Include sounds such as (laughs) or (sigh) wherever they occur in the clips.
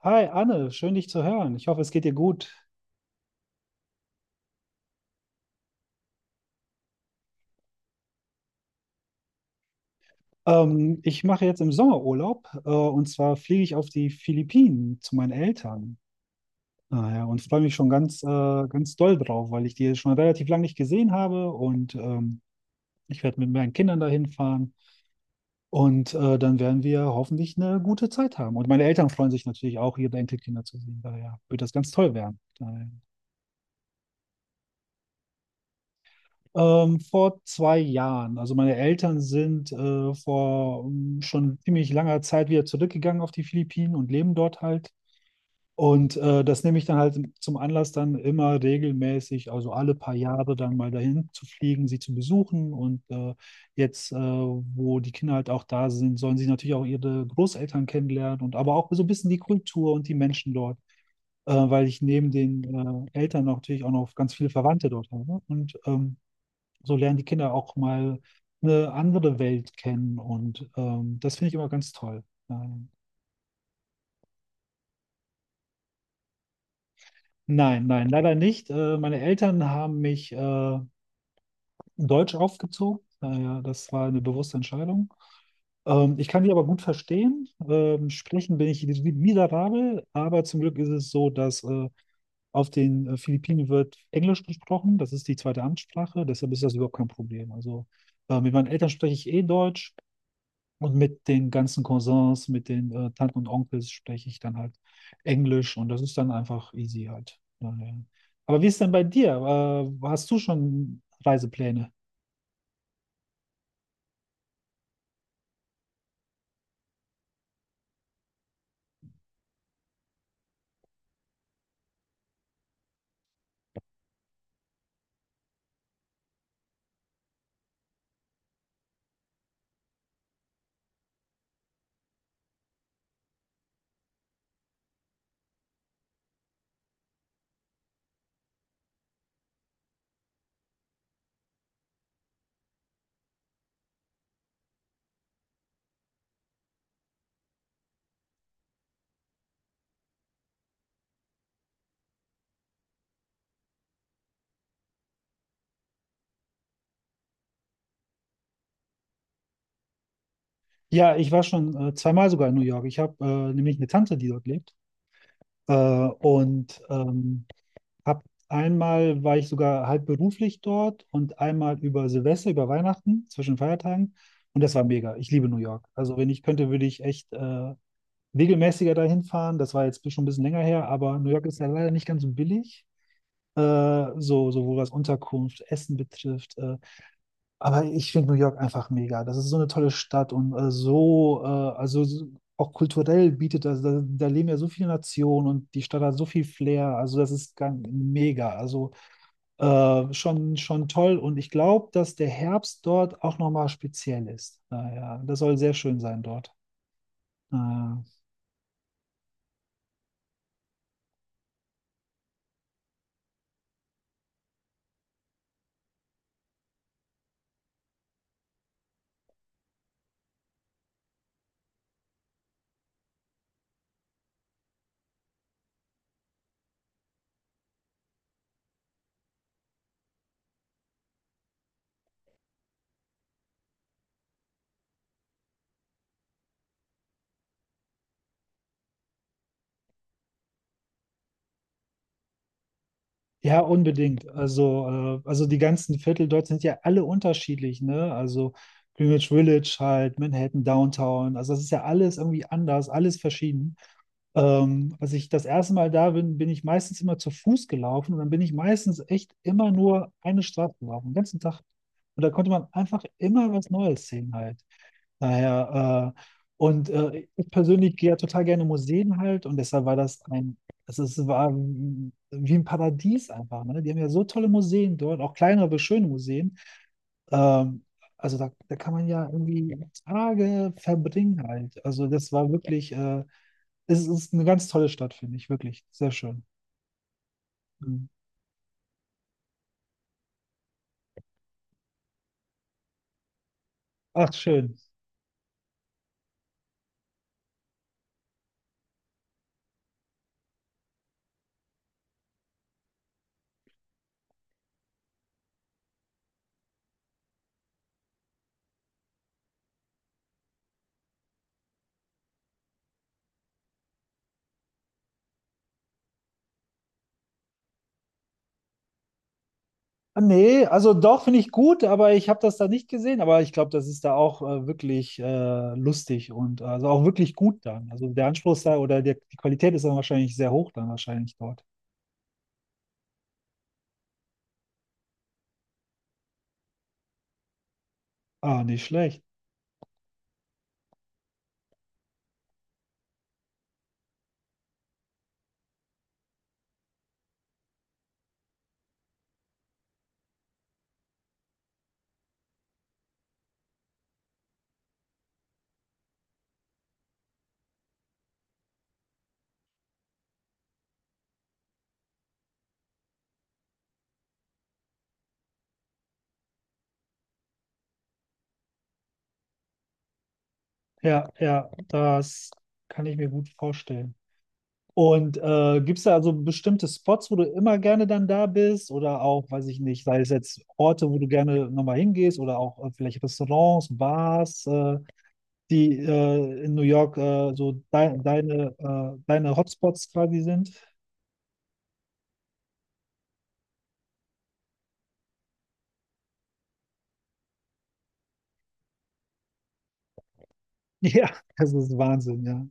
Hi Anne, schön dich zu hören. Ich hoffe, es geht dir gut. Ich mache jetzt im Sommerurlaub, und zwar fliege ich auf die Philippinen zu meinen Eltern. Naja, und freue mich schon ganz doll drauf, weil ich die schon relativ lange nicht gesehen habe und ich werde mit meinen Kindern dahin fahren und dann werden wir hoffentlich eine gute Zeit haben. Und meine Eltern freuen sich natürlich auch, ihre Enkelkinder zu sehen. Daher wird das ganz toll werden. Daher. Vor 2 Jahren. Also meine Eltern sind vor schon ziemlich langer Zeit wieder zurückgegangen auf die Philippinen und leben dort halt. Und das nehme ich dann halt zum Anlass, dann immer regelmäßig, also alle paar Jahre dann mal dahin zu fliegen, sie zu besuchen. Und jetzt, wo die Kinder halt auch da sind, sollen sie natürlich auch ihre Großeltern kennenlernen und aber auch so ein bisschen die Kultur und die Menschen dort, weil ich neben den Eltern natürlich auch noch ganz viele Verwandte dort habe. Und so lernen die Kinder auch mal eine andere Welt kennen und das finde ich immer ganz toll. Ähm, nein, nein, leider nicht. Meine Eltern haben mich deutsch aufgezogen. Naja, das war eine bewusste Entscheidung. Ich kann die aber gut verstehen. Sprechen bin ich miserabel, aber zum Glück ist es so, dass auf den Philippinen wird Englisch gesprochen. Das ist die zweite Amtssprache, deshalb ist das überhaupt kein Problem. Also mit meinen Eltern spreche ich eh Deutsch. Und mit den ganzen Cousins, mit den Tanten und Onkels spreche ich dann halt Englisch und das ist dann einfach easy halt. Naja. Aber wie ist denn bei dir? Hast du schon Reisepläne? Ja, ich war schon zweimal sogar in New York. Ich habe nämlich eine Tante, die dort lebt. Und hab einmal war ich sogar halb beruflich dort und einmal über Silvester, über Weihnachten, zwischen Feiertagen. Und das war mega. Ich liebe New York. Also wenn ich könnte, würde ich echt regelmäßiger dahin fahren. Das war jetzt schon ein bisschen länger her, aber New York ist ja leider nicht ganz so billig. Sowohl was Unterkunft, Essen betrifft. Aber ich finde New York einfach mega. Das ist so eine tolle Stadt und auch kulturell bietet das, da leben ja so viele Nationen und die Stadt hat so viel Flair. Also das ist ganz mega. Also schon toll. Und ich glaube, dass der Herbst dort auch nochmal speziell ist. Naja, das soll sehr schön sein dort. Äh, Ja, unbedingt. Also die ganzen Viertel dort sind ja alle unterschiedlich, ne? Also Greenwich Village halt, Manhattan, Downtown. Also das ist ja alles irgendwie anders, alles verschieden. Als ich das erste Mal da bin, bin ich meistens immer zu Fuß gelaufen und dann bin ich meistens echt immer nur eine Straße gelaufen, den ganzen Tag. Und da konnte man einfach immer was Neues sehen halt. Daher, und Ich persönlich gehe ja total gerne in Museen halt und deshalb war es wie ein Paradies einfach. Ne? Die haben ja so tolle Museen dort, auch kleinere, aber schöne Museen. Ähm, also da kann man ja irgendwie Tage verbringen halt. Also das war wirklich. Es ist eine ganz tolle Stadt, finde ich, wirklich. Sehr schön. Mhm. Ach, schön. Ah, nee, also doch, finde ich gut, aber ich habe das da nicht gesehen. Aber ich glaube, das ist da auch wirklich lustig und also auch wirklich gut dann. Also der Anspruch ist da oder der, die Qualität ist dann wahrscheinlich sehr hoch dann wahrscheinlich dort. Ah, nicht schlecht. Ja, ja, das kann ich mir gut vorstellen. Und gibt es da also bestimmte Spots, wo du immer gerne dann da bist? Oder auch, weiß ich nicht, sei es jetzt Orte, wo du gerne nochmal hingehst oder auch vielleicht Restaurants, Bars? Die in New York so deine Hotspots quasi sind. (laughs) Ja, das ist Wahnsinn, ja.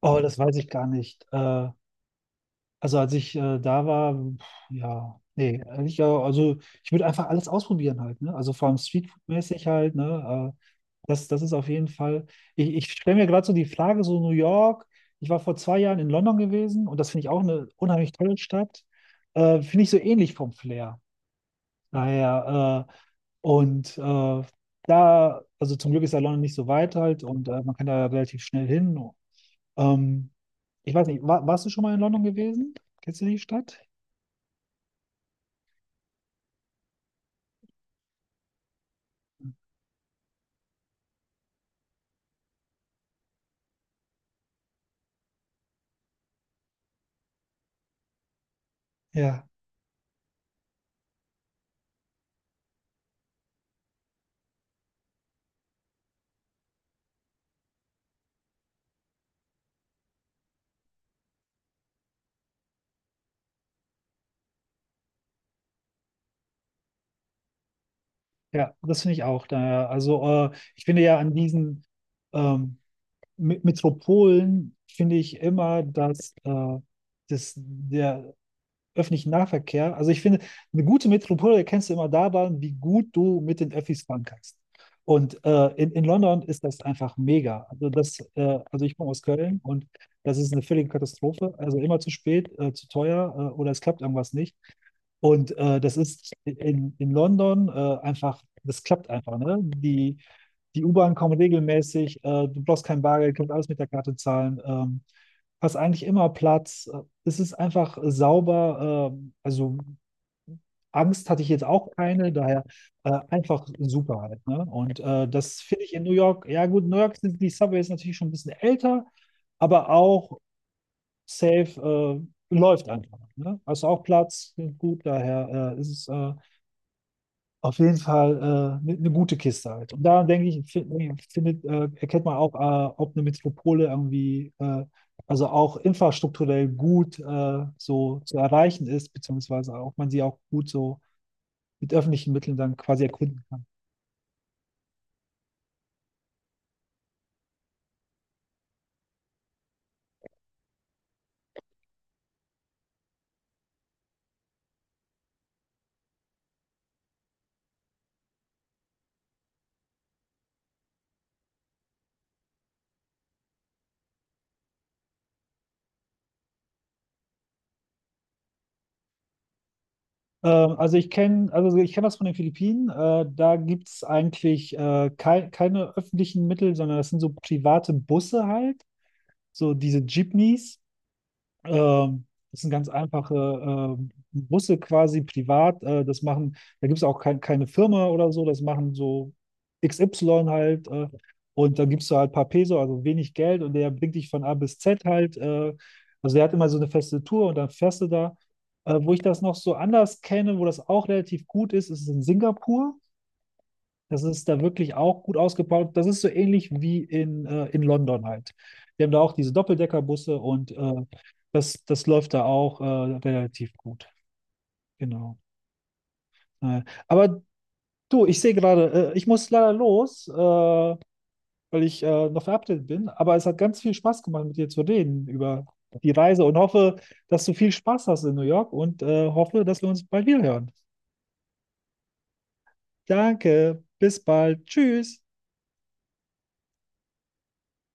Oh, das weiß ich gar nicht. Also als ich da war, ja, nee, ehrlich, ja, also ich würde einfach alles ausprobieren halt, ne? Also vor allem Streetfood-mäßig halt, ne? Das ist auf jeden Fall. Ich stelle mir gerade so die Frage, so New York, ich war vor 2 Jahren in London gewesen und das finde ich auch eine unheimlich tolle Stadt. Finde ich so ähnlich vom Flair. Daher, und da, also Zum Glück ist der London nicht so weit halt und man kann da relativ schnell hin. Ähm, Ich weiß nicht, warst du schon mal in London gewesen? Kennst du die Stadt? Ja, ja, das finde ich auch. Daher, also ich finde ja an diesen ähm, Metropolen finde ich immer, dass das, der, öffentlichen Nahverkehr. Also ich finde, eine gute Metropole erkennst du immer daran, wie gut du mit den Öffis fahren kannst. Und in London ist das einfach mega. Also ich komme aus Köln und das ist eine völlige Katastrophe. Also immer zu spät, zu teuer oder es klappt irgendwas nicht. Und das ist in London einfach, das klappt einfach. Ne? Die U-Bahn kommen regelmäßig, du brauchst kein Bargeld, kannst alles mit der Karte zahlen. Hast eigentlich immer Platz. Es ist einfach sauber. Also Angst hatte ich jetzt auch keine, daher einfach super halt. Ne? Und das finde ich in New York, ja gut, New York sind die Subways natürlich schon ein bisschen älter, aber auch safe läuft einfach. Ne? Hast auch Platz, gut, daher ist es auf jeden Fall eine gute Kiste halt. Und da denke ich, erkennt man auch, ob eine Metropole irgendwie, also auch infrastrukturell gut so zu erreichen ist, beziehungsweise auch man sie auch gut so mit öffentlichen Mitteln dann quasi erkunden kann. Also ich kenne das von den Philippinen. Da gibt es eigentlich keine öffentlichen Mittel, sondern das sind so private Busse halt, so diese Jeepneys. Ähm, Das sind ganz einfache Busse quasi privat. Das machen, da gibt es auch keine Firma oder so, das machen so XY halt. Und da gibst du halt ein paar Peso, also wenig Geld und der bringt dich von A bis Z halt. Also der hat immer so eine feste Tour und dann fährst du da. Wo ich das noch so anders kenne, wo das auch relativ gut ist, ist in Singapur. Das ist da wirklich auch gut ausgebaut. Das ist so ähnlich wie in London halt. Die haben da auch diese Doppeldeckerbusse und das läuft da auch relativ gut. Genau. Äh, aber du, ich sehe gerade, ich muss leider los, weil ich noch verabredet bin. Aber es hat ganz viel Spaß gemacht, mit dir zu reden über die Reise und hoffe, dass du viel Spaß hast in New York und hoffe, dass wir uns bald wieder hören. Danke, bis bald. Tschüss.